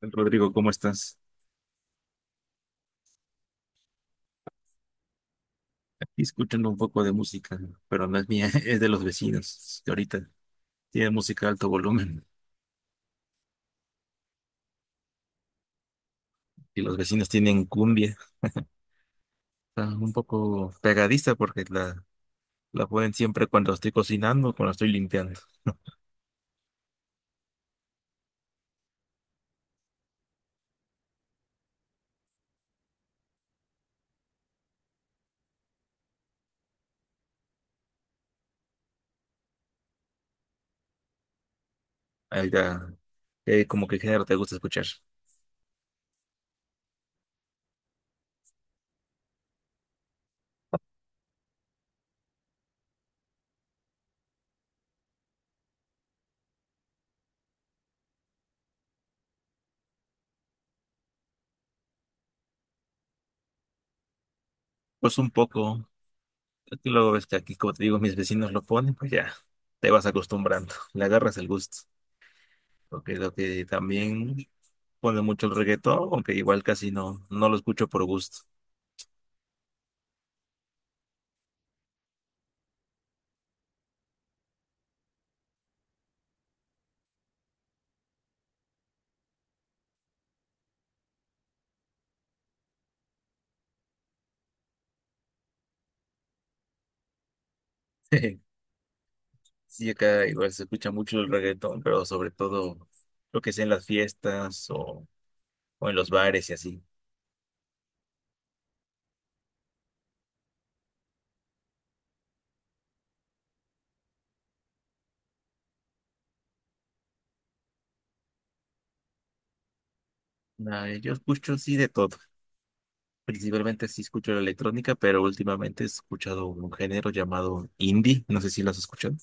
Rodrigo, ¿cómo estás? Aquí escuchando un poco de música, pero no es mía, es de los vecinos, que ahorita tienen música a alto volumen y los vecinos tienen cumbia. Está un poco pegadiza porque la ponen siempre cuando estoy cocinando, cuando estoy limpiando. Ahí ya, como que género te gusta escuchar. Pues un poco, es que luego ves que aquí, como te digo, mis vecinos lo ponen, pues ya te vas acostumbrando, le agarras el gusto. Porque lo que también pone mucho el reggaetón, aunque igual casi no lo escucho por gusto. Sí, acá igual se escucha mucho el reggaetón, pero sobre todo lo que sea en las fiestas o en los bares y así. Nah, yo escucho sí de todo. Principalmente sí escucho la electrónica, pero últimamente he escuchado un género llamado indie. No sé si lo has escuchado.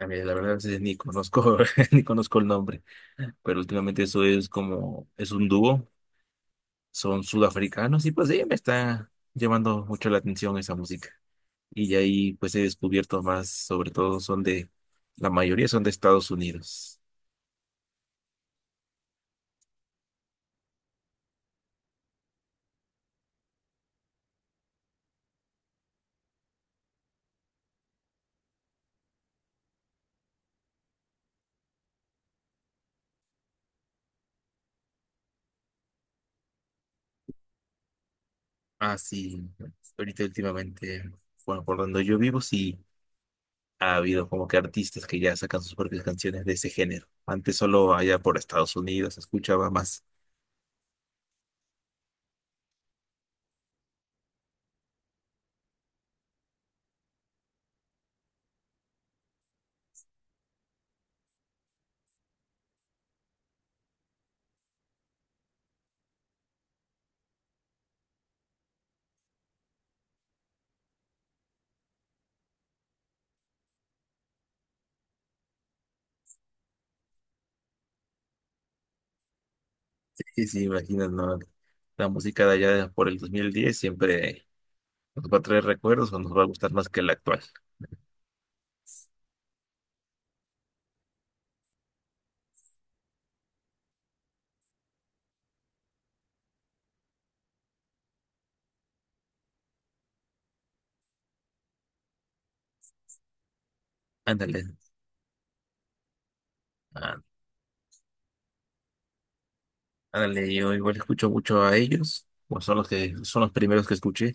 A mí, la verdad, a veces ni conozco, ni conozco el nombre. Pero últimamente eso es como, es un dúo. Son sudafricanos y pues sí, me está llamando mucho la atención esa música, y de ahí pues he descubierto más, sobre todo son de, la mayoría son de Estados Unidos. Ah, sí, ahorita últimamente, bueno, por donde yo vivo sí ha habido como que artistas que ya sacan sus propias canciones de ese género. Antes solo allá por Estados Unidos se escuchaba más. Y si imaginas, ¿no? La música de allá por el 2010 siempre nos va a traer recuerdos o nos va a gustar más que la actual. Ándale, ah, ándale, yo igual escucho mucho a ellos, o son los que son los primeros que escuché,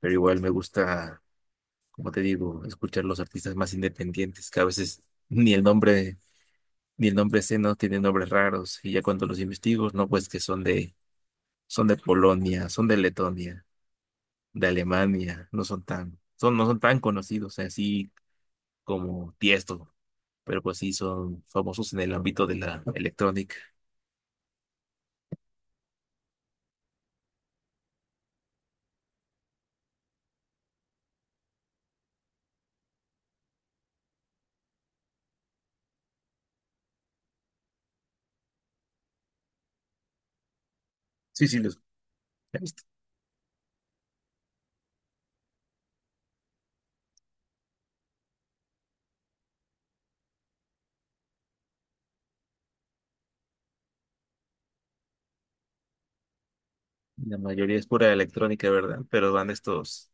pero igual me gusta, como te digo, escuchar los artistas más independientes, que a veces ni el nombre, ni el nombre sé, no tienen nombres raros, y ya cuando los investigo, no, pues que son de Polonia, son de Letonia, de Alemania, no son tan, son, no son tan conocidos, así como Tiesto, pero pues sí son famosos en el ámbito de la electrónica. Sí, sí, los he visto. La mayoría es pura electrónica, ¿verdad? Pero van estos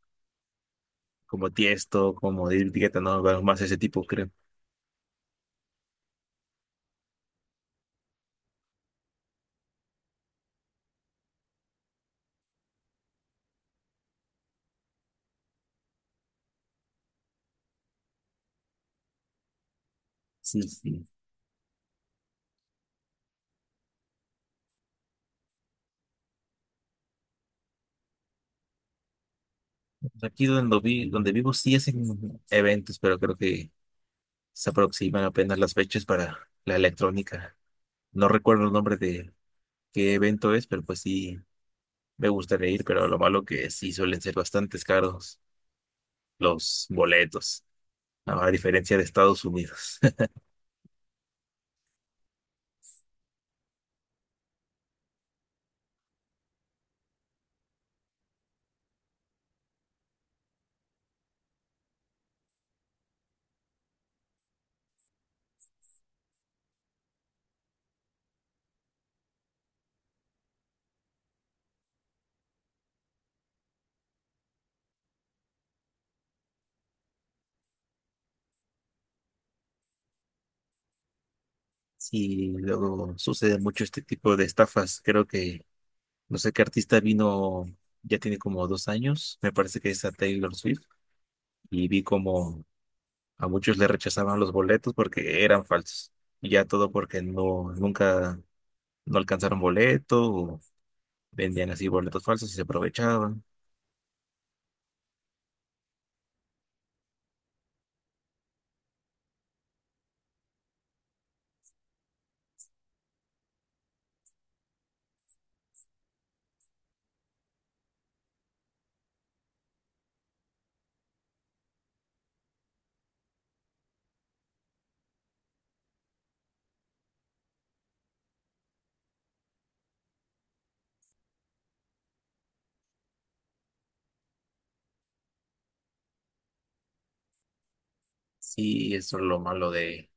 como Tiesto, como David Guetta, no, van más ese tipo, creo. Sí, sí. Aquí donde vivo sí hacen eventos, pero creo que se aproximan apenas las fechas para la electrónica. No recuerdo el nombre de qué evento es, pero pues sí me gustaría ir, pero lo malo que sí suelen ser bastante caros los boletos, ¿no? A diferencia de Estados Unidos. Sí, luego sucede mucho este tipo de estafas. Creo que no sé qué artista vino, ya tiene como dos años, me parece que es a Taylor Swift, y vi como a muchos le rechazaban los boletos porque eran falsos. Y ya todo porque no, nunca no alcanzaron boleto o vendían así boletos falsos y se aprovechaban. Sí, eso es lo malo de,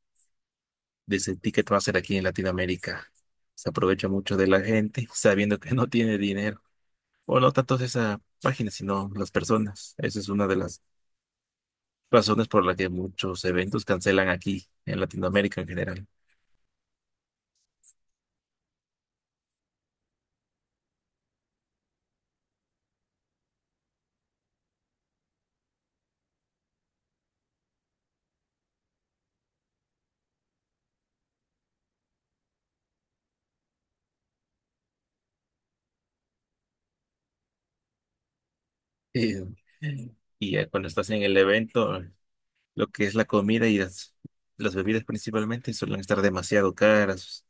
de ese ticket ser aquí en Latinoamérica. Se aprovecha mucho de la gente sabiendo que no tiene dinero. O no tanto esa página, sino las personas. Esa es una de las razones por la que muchos eventos cancelan aquí en Latinoamérica en general. Eh, y ya cuando estás en el evento, lo que es la comida y las bebidas principalmente suelen estar demasiado caras.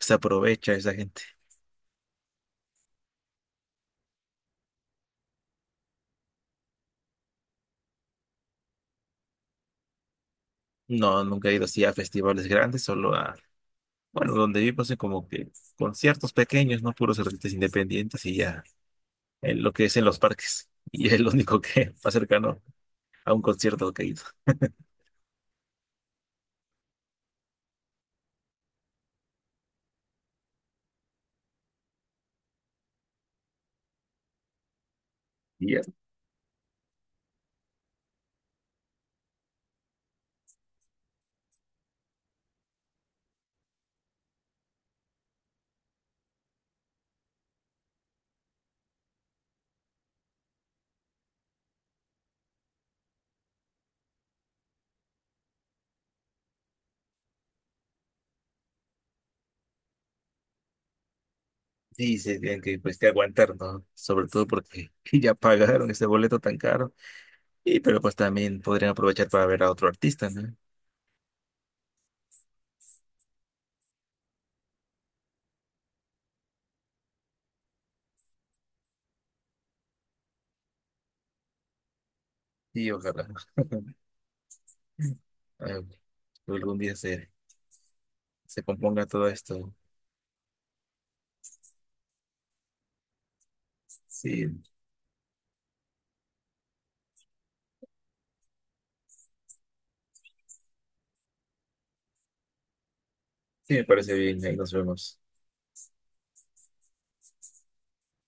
Se aprovecha esa gente. No, nunca he ido así a festivales grandes, solo a, bueno, donde vivo son como que conciertos pequeños, no puros artistas independientes y ya, en lo que es en los parques. Y es lo único que más cercano a un concierto que he ido. Y ya, sí, se tienen que, pues, que aguantar, ¿no? Sobre todo porque ya pagaron ese boleto tan caro. Y pero pues también podrían aprovechar para ver a otro artista, ¿no? Sí, ojalá, eh, algún día se se componga todo esto. Sí, sí, me parece bien. Ahí nos vemos.